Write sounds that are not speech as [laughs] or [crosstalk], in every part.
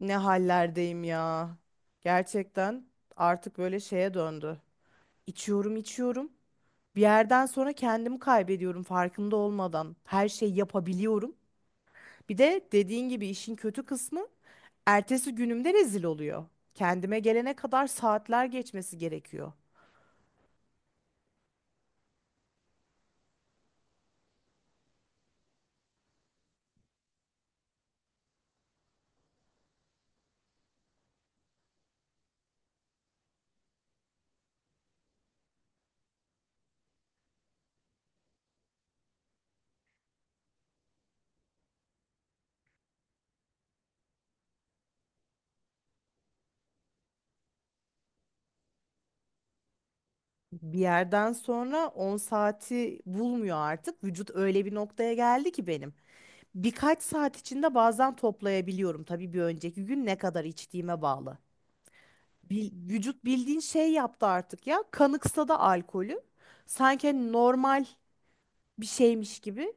Ne hallerdeyim ya. Gerçekten artık böyle şeye döndü. İçiyorum, içiyorum. Bir yerden sonra kendimi kaybediyorum farkında olmadan. Her şeyi yapabiliyorum. Bir de dediğin gibi işin kötü kısmı ertesi günümde rezil oluyor. Kendime gelene kadar saatler geçmesi gerekiyor. Bir yerden sonra 10 saati bulmuyor artık. Vücut öyle bir noktaya geldi ki benim. Birkaç saat içinde bazen toplayabiliyorum. Tabii bir önceki gün ne kadar içtiğime bağlı. Vücut bildiğin şey yaptı artık ya. Kanıksa alkolü. Sanki hani normal bir şeymiş gibi.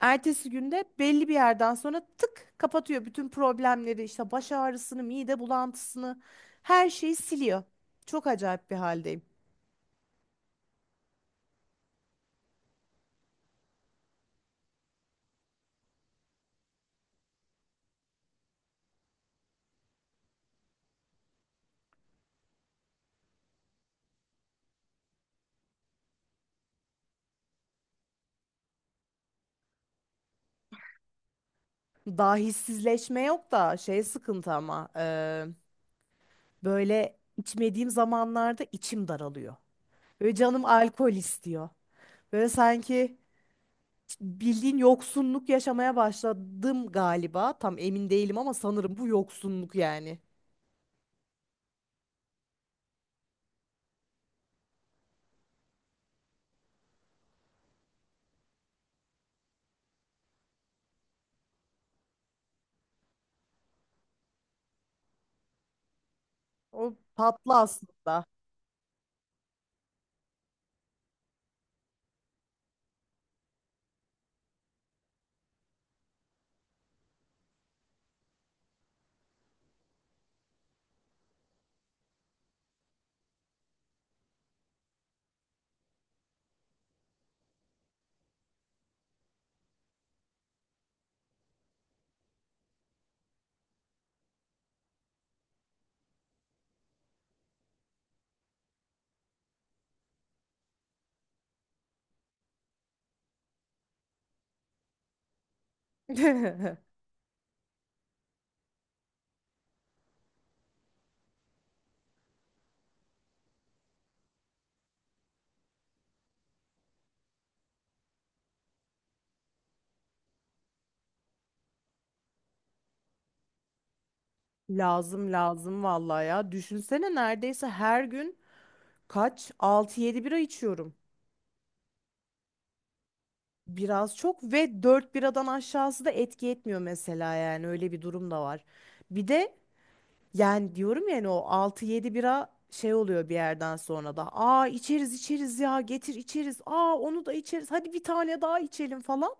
Ertesi günde belli bir yerden sonra tık kapatıyor bütün problemleri işte baş ağrısını, mide bulantısını her şeyi siliyor. Çok acayip bir haldeyim. Daha hissizleşme yok da şey sıkıntı ama böyle içmediğim zamanlarda içim daralıyor. Böyle canım alkol istiyor. Böyle sanki bildiğin yoksunluk yaşamaya başladım galiba. Tam emin değilim ama sanırım bu yoksunluk yani. O tatlı aslında. [laughs] Lazım lazım vallahi ya. Düşünsene neredeyse her gün kaç altı yedi bira içiyorum. Biraz çok ve 4 biradan aşağısı da etki etmiyor mesela yani öyle bir durum da var. Bir de Yani diyorum yani o 6-7 bira şey oluyor bir yerden sonra da. Aa içeriz içeriz ya getir içeriz. Aa onu da içeriz. Hadi bir tane daha içelim falan.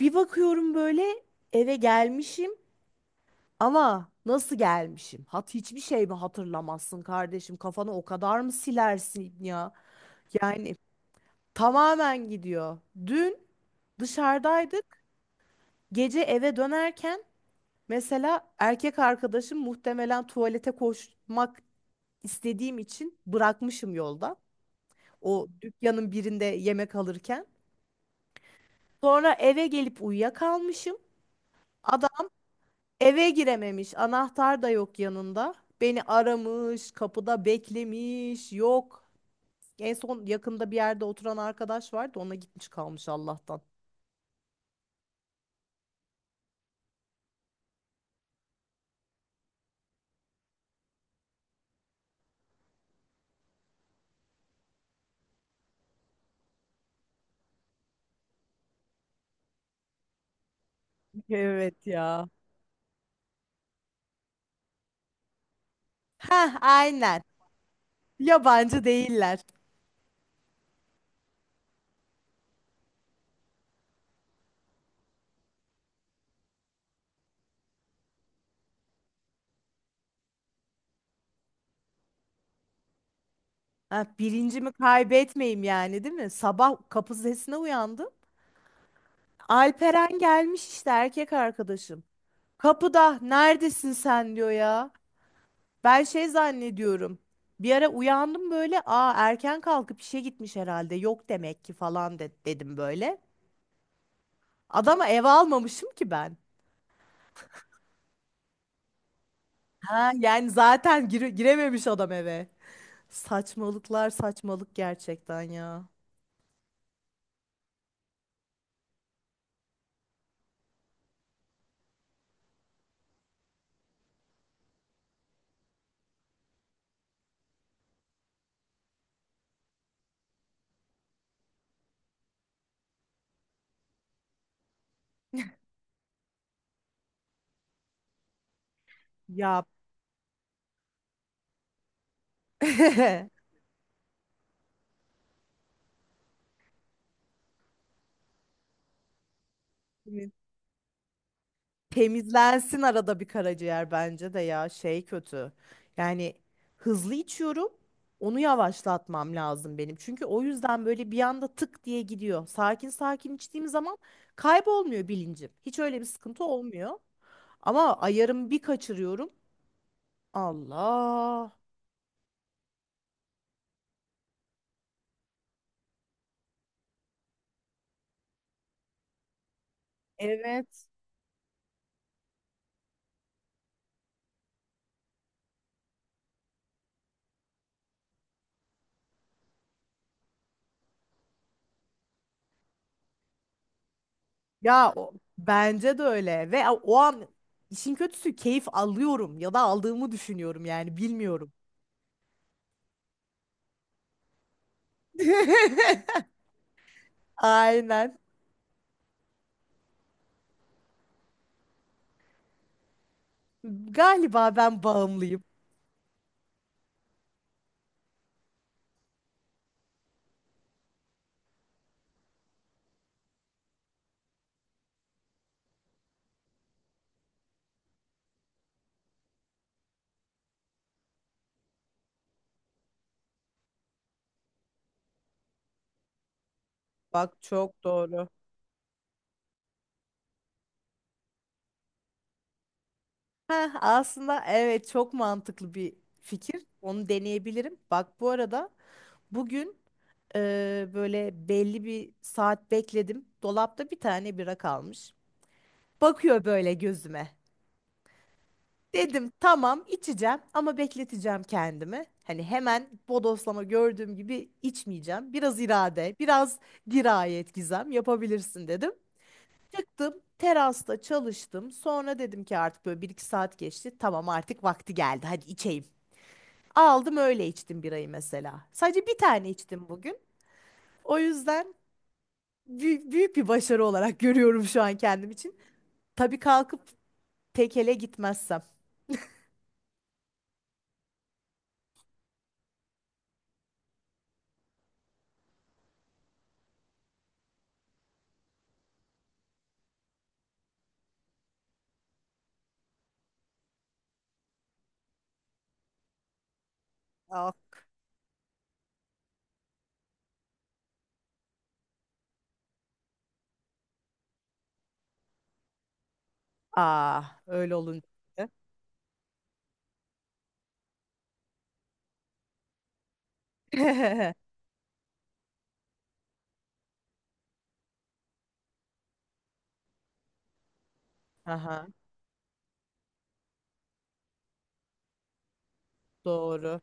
Bir bakıyorum böyle eve gelmişim ama nasıl gelmişim? Hiçbir şey mi hatırlamazsın kardeşim? Kafanı o kadar mı silersin ya? Yani tamamen gidiyor. Dün dışarıdaydık. Gece eve dönerken mesela erkek arkadaşım muhtemelen tuvalete koşmak istediğim için bırakmışım yolda. O dükkanın birinde yemek alırken. Sonra eve gelip uyuyakalmışım. Adam eve girememiş. Anahtar da yok yanında. Beni aramış, kapıda beklemiş. Yok. En son yakında bir yerde oturan arkadaş vardı. Ona gitmiş kalmış Allah'tan. Evet ya. Heh, aynen. Yabancı değiller. Ha, bilincimi kaybetmeyeyim yani değil mi? Sabah kapı sesine uyandım. Alperen gelmiş işte erkek arkadaşım. Kapıda neredesin sen diyor ya. Ben şey zannediyorum. Bir ara uyandım böyle. Aa erken kalkıp işe gitmiş herhalde. Yok demek ki falan dedim böyle. Adama eve almamışım ki ben. Ha yani zaten girememiş adam eve. Saçmalıklar saçmalık gerçekten ya. Ya. [laughs] Evet. Temizlensin arada bir karaciğer bence de ya şey kötü. Yani hızlı içiyorum. Onu yavaşlatmam lazım benim. Çünkü o yüzden böyle bir anda tık diye gidiyor. Sakin sakin içtiğim zaman kaybolmuyor bilincim. Hiç öyle bir sıkıntı olmuyor. Ama ayarımı bir kaçırıyorum. Allah. Evet. Ya bence de öyle. Ve o an işin kötüsü keyif alıyorum ya da aldığımı düşünüyorum yani bilmiyorum. [laughs] Aynen. Galiba ben bağımlıyım. Bak çok doğru. Heh, aslında evet çok mantıklı bir fikir. Onu deneyebilirim. Bak bu arada bugün böyle belli bir saat bekledim. Dolapta bir tane bira kalmış. Bakıyor böyle gözüme. Dedim tamam içeceğim ama bekleteceğim kendimi. Hani hemen bodoslama gördüğüm gibi içmeyeceğim. Biraz irade, biraz dirayet Gizem yapabilirsin dedim. Çıktım, terasta çalıştım. Sonra dedim ki artık böyle bir iki saat geçti. Tamam artık vakti geldi. Hadi içeyim. Aldım öyle içtim birayı mesela. Sadece bir tane içtim bugün. O yüzden büyük, büyük bir başarı olarak görüyorum şu an kendim için. Tabii kalkıp tekele gitmezsem. Ah, aa, öyle olunca. [laughs] Aha, doğru.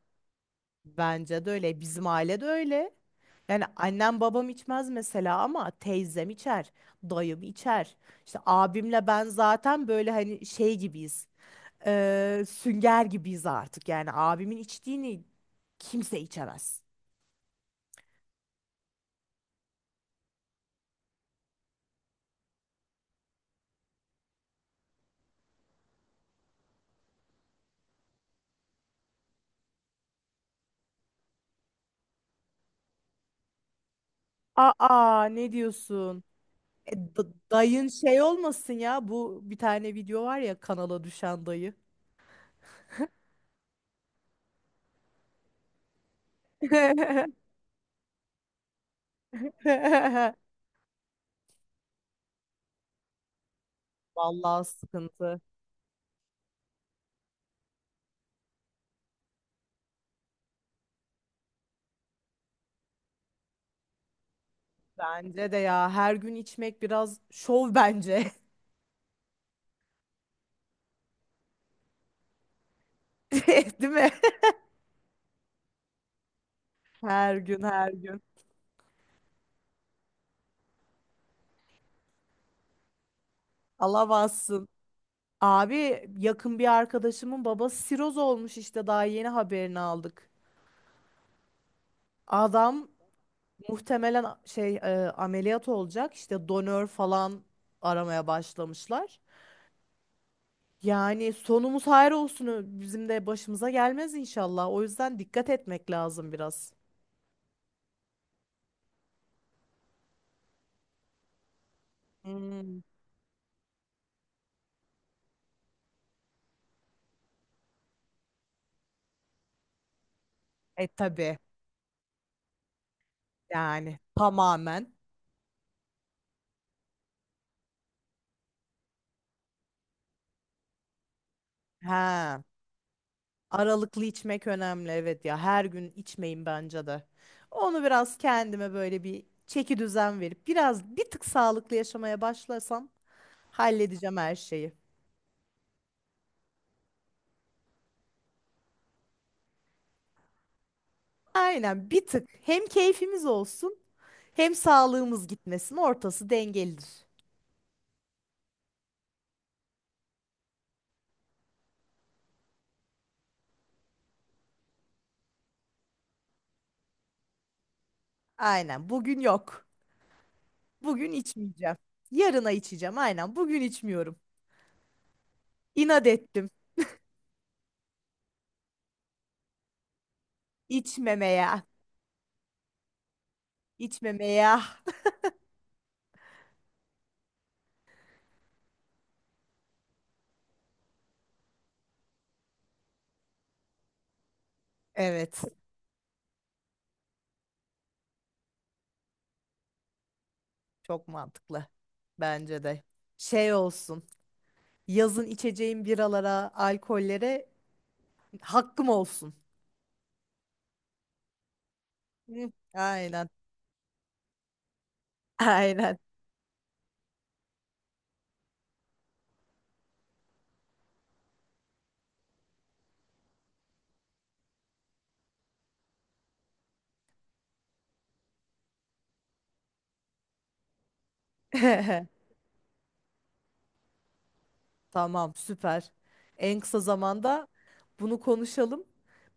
Bence de öyle. Bizim aile de öyle. Yani annem babam içmez mesela ama teyzem içer, dayım içer. İşte abimle ben zaten böyle hani şey gibiyiz. Sünger gibiyiz artık. Yani abimin içtiğini kimse içemez. Aa ne diyorsun? E, da- Dayın şey olmasın ya. Bu bir tane video var ya kanala düşen dayı. [laughs] Vallahi sıkıntı. Bence de ya her gün içmek biraz şov bence. [laughs] [laughs] Değil mi? [laughs] Her gün her gün. Alamazsın. Abi yakın bir arkadaşımın babası siroz olmuş işte daha yeni haberini aldık. Adam muhtemelen şey ameliyat olacak işte donör falan aramaya başlamışlar. Yani sonumuz hayır olsun bizim de başımıza gelmez inşallah. O yüzden dikkat etmek lazım biraz. Hmm. E tabii yani tamamen. He. Aralıklı içmek önemli evet ya her gün içmeyin bence de. Onu biraz kendime böyle bir çeki düzen verip biraz bir tık sağlıklı yaşamaya başlasam halledeceğim her şeyi. Aynen bir tık hem keyfimiz olsun hem sağlığımız gitmesin ortası dengelidir. Aynen bugün yok. Bugün içmeyeceğim. Yarına içeceğim aynen bugün içmiyorum. İnat ettim içmemeye içmemeye. Evet çok mantıklı bence de şey olsun. Yazın içeceğim biralara, alkollere hakkım olsun. Hı, aynen. Aynen. [laughs] Tamam, süper. En kısa zamanda bunu konuşalım.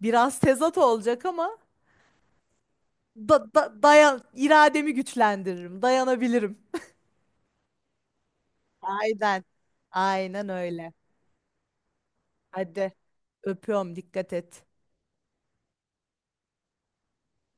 Biraz tezat olacak ama dayan irademi güçlendiririm, dayanabilirim. Aynen. Aynen öyle. Hadi öpüyorum, dikkat et.